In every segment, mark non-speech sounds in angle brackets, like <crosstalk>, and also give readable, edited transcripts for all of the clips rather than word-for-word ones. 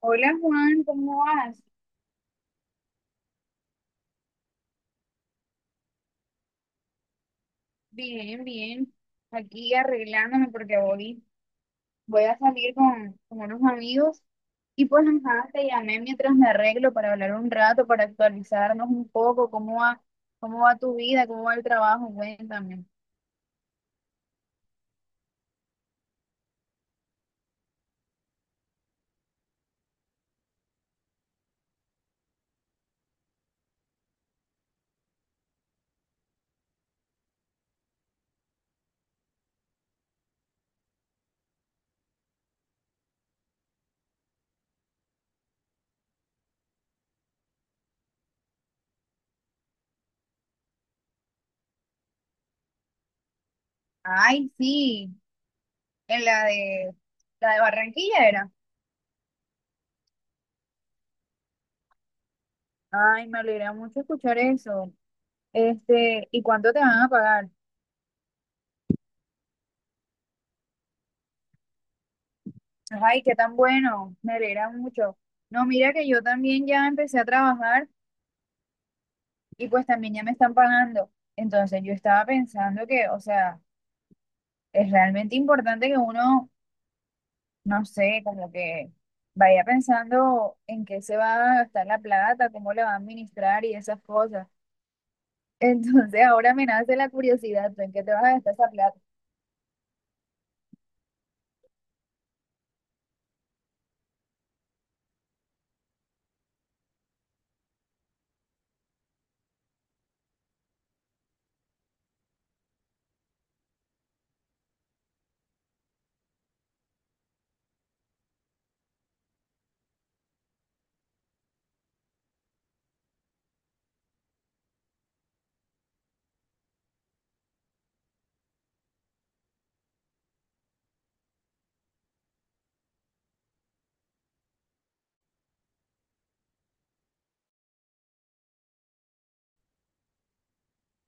Hola Juan, ¿cómo vas? Bien, bien. Aquí arreglándome porque voy, voy a salir con unos amigos y pues ajá, te llamé mientras me arreglo para hablar un rato, para actualizarnos un poco, cómo va tu vida, cómo va el trabajo, cuéntame. Ay, sí, en la de Barranquilla era. Ay, me alegra mucho escuchar eso. Este, ¿y cuánto te van a pagar? Ay, qué tan bueno, me alegra mucho. No, mira que yo también ya empecé a trabajar. Y pues también ya me están pagando. Entonces yo estaba pensando que, o sea, es realmente importante que uno, no sé, como que vaya pensando en qué se va a gastar la plata, cómo le va a administrar y esas cosas. Entonces <laughs> ahora me nace la curiosidad, ¿tú en qué te vas a gastar esa plata?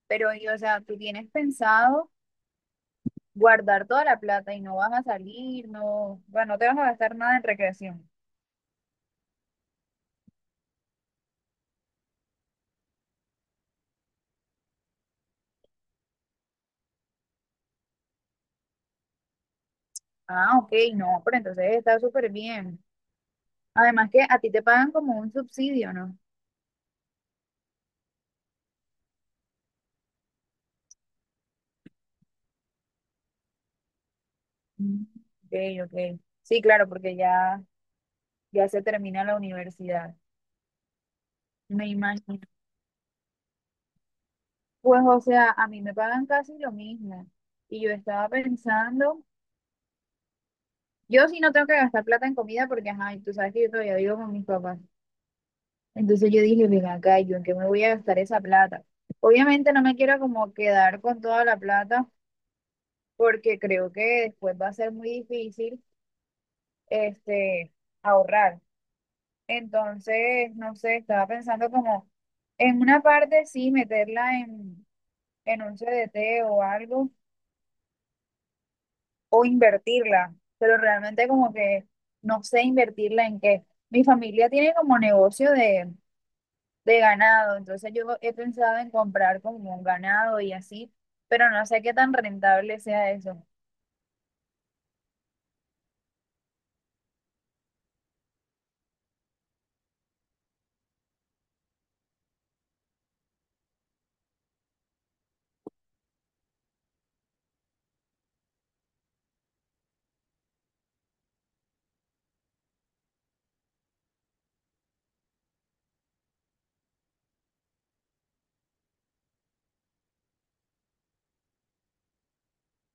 Pero, y, o sea, tú tienes pensado guardar toda la plata y no vas a salir, no, bueno, no te vas a gastar nada en recreación. Ah, ok, no, pero entonces está súper bien. Además que a ti te pagan como un subsidio, ¿no? Mm, ok, ok. Sí, claro, porque ya, ya se termina la universidad. Me imagino. Pues, o sea, a mí me pagan casi lo mismo. Y yo estaba pensando, yo sí no tengo que gastar plata en comida porque, ajá, y tú sabes que yo todavía vivo con mis papás. Entonces yo dije, ven acá, ¿yo en qué me voy a gastar esa plata? Obviamente no me quiero como quedar con toda la plata porque creo que después va a ser muy difícil, este, ahorrar. Entonces, no sé, estaba pensando como en una parte sí meterla en un CDT o algo, o invertirla, pero realmente como que no sé invertirla en qué. Mi familia tiene como negocio de ganado, entonces yo he pensado en comprar como un ganado y así, pero no sé qué tan rentable sea eso.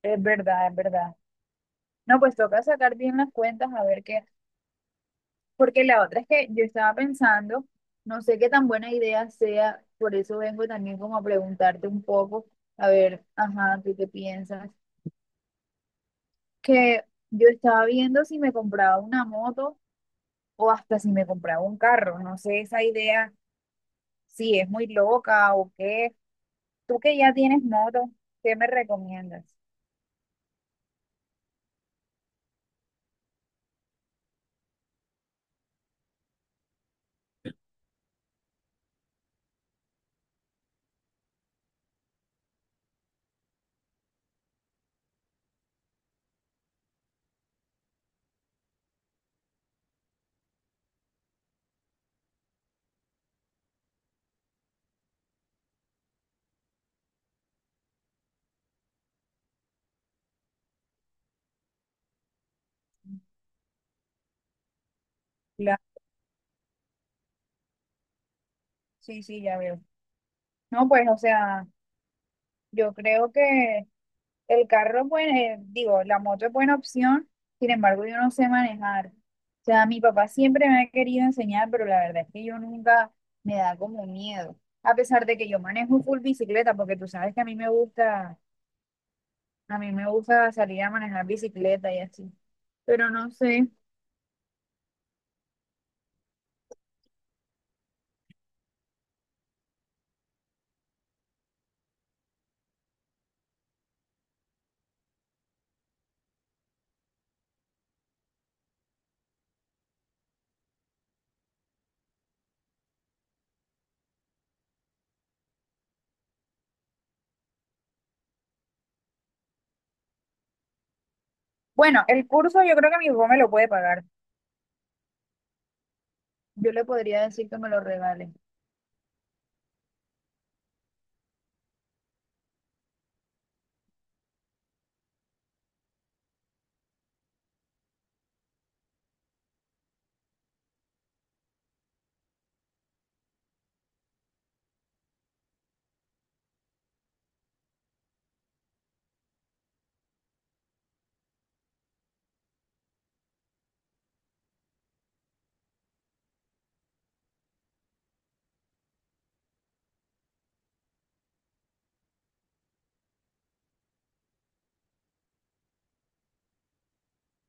Es verdad, es verdad. No, pues toca sacar bien las cuentas a ver qué. Porque la otra es que yo estaba pensando, no sé qué tan buena idea sea, por eso vengo también como a preguntarte un poco, a ver, ajá, ¿tú qué piensas? Que yo estaba viendo si me compraba una moto o hasta si me compraba un carro, no sé esa idea, si es muy loca o qué. Tú que ya tienes moto, ¿qué me recomiendas? La... Sí, sí, ya veo. No, pues, o sea, yo creo que el carro, es digo, la moto es buena opción, sin embargo, yo no sé manejar. O sea, mi papá siempre me ha querido enseñar, pero la verdad es que yo nunca, me da como miedo. A pesar de que yo manejo full bicicleta, porque tú sabes que a mí me gusta, a mí me gusta salir a manejar bicicleta y así. Pero no sé. Bueno, el curso yo creo que mi papá me lo puede pagar. Yo le podría decir que me lo regale.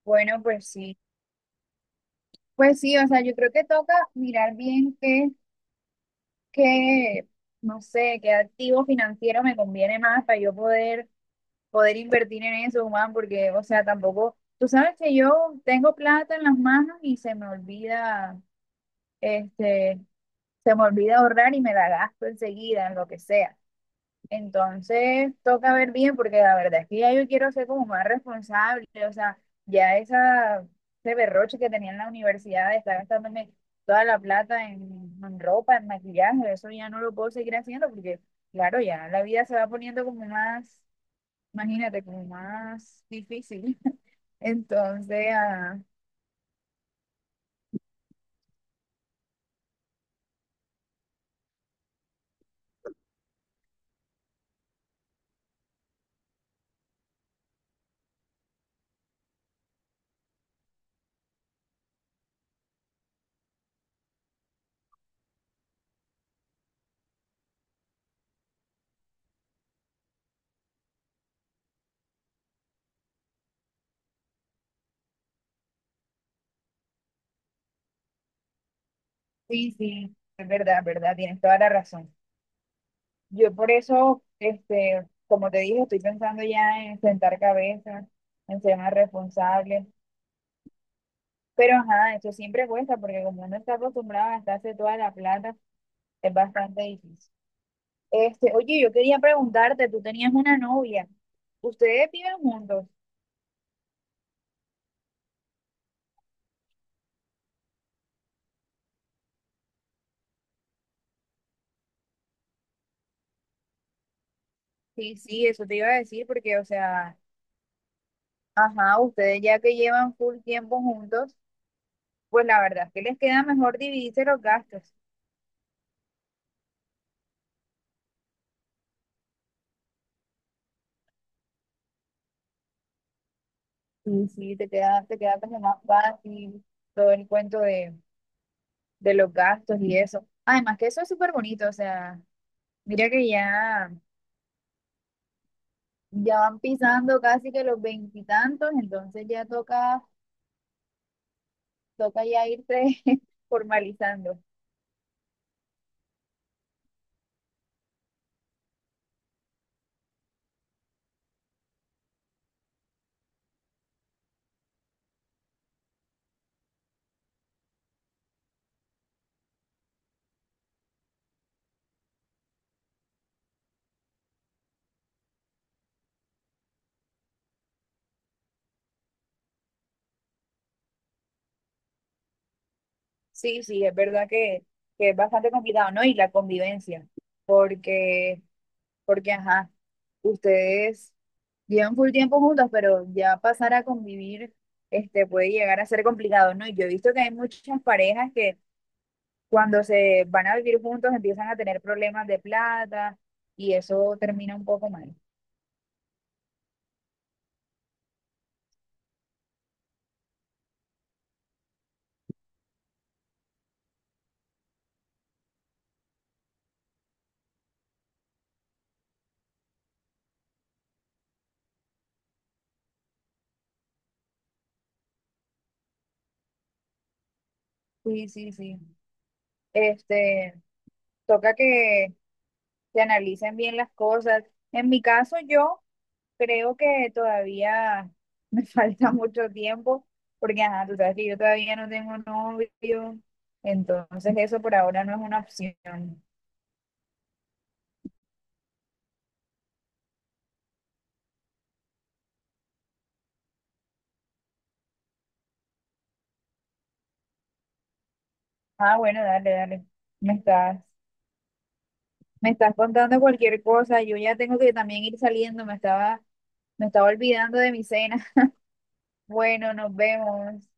Bueno, pues sí. Pues sí, o sea, yo creo que toca mirar bien qué, qué, no sé, qué activo financiero me conviene más para yo poder, poder invertir en eso, Juan, porque, o sea, tampoco, tú sabes que yo tengo plata en las manos y se me olvida, este, se me olvida ahorrar y me la gasto enseguida en lo que sea. Entonces toca ver bien porque la verdad es que ya yo quiero ser como más responsable, o sea, ya esa, ese berroche que tenía en la universidad de estar gastándome toda la plata en ropa, en maquillaje, eso ya no lo puedo seguir haciendo porque, claro, ya la vida se va poniendo como más, imagínate, como más difícil. <laughs> Entonces, ah, sí, sí, es verdad, tienes toda la razón. Yo por eso, este, como te dije, estoy pensando ya en sentar cabezas, en ser más responsable. Pero ajá, eso siempre cuesta porque como uno está acostumbrado a gastarse toda la plata, es bastante difícil. Este, oye, yo quería preguntarte, tú tenías una novia. ¿Ustedes viven juntos? Sí, sí, eso te iba a decir porque, o sea, ajá, ustedes ya que llevan full tiempo juntos, pues la verdad es que les queda mejor dividirse los gastos. Sí, sí, te queda como más fácil todo el cuento de los gastos y eso. Además que eso es súper bonito, o sea, mira que ya, ya van pisando casi que los veintitantos, entonces ya toca, toca ya irse <laughs> formalizando. Sí, sí, es verdad que es bastante complicado, ¿no? Y la convivencia, porque, porque, ajá, ustedes llevan full tiempo juntos, pero ya pasar a convivir, este, puede llegar a ser complicado, ¿no? Y yo he visto que hay muchas parejas que cuando se van a vivir juntos empiezan a tener problemas de plata y eso termina un poco mal. Sí, sí, sí. Este, toca que se analicen bien las cosas. En mi caso, yo creo que todavía me <laughs> falta mucho tiempo porque, ajá, tú sabes que yo todavía no tengo novio, entonces eso por ahora no es una opción. Ah, bueno, dale, dale. Me estás, me estás contando cualquier cosa. Yo ya tengo que también ir saliendo. Me estaba. Me estaba olvidando de mi cena. <laughs> Bueno, nos vemos.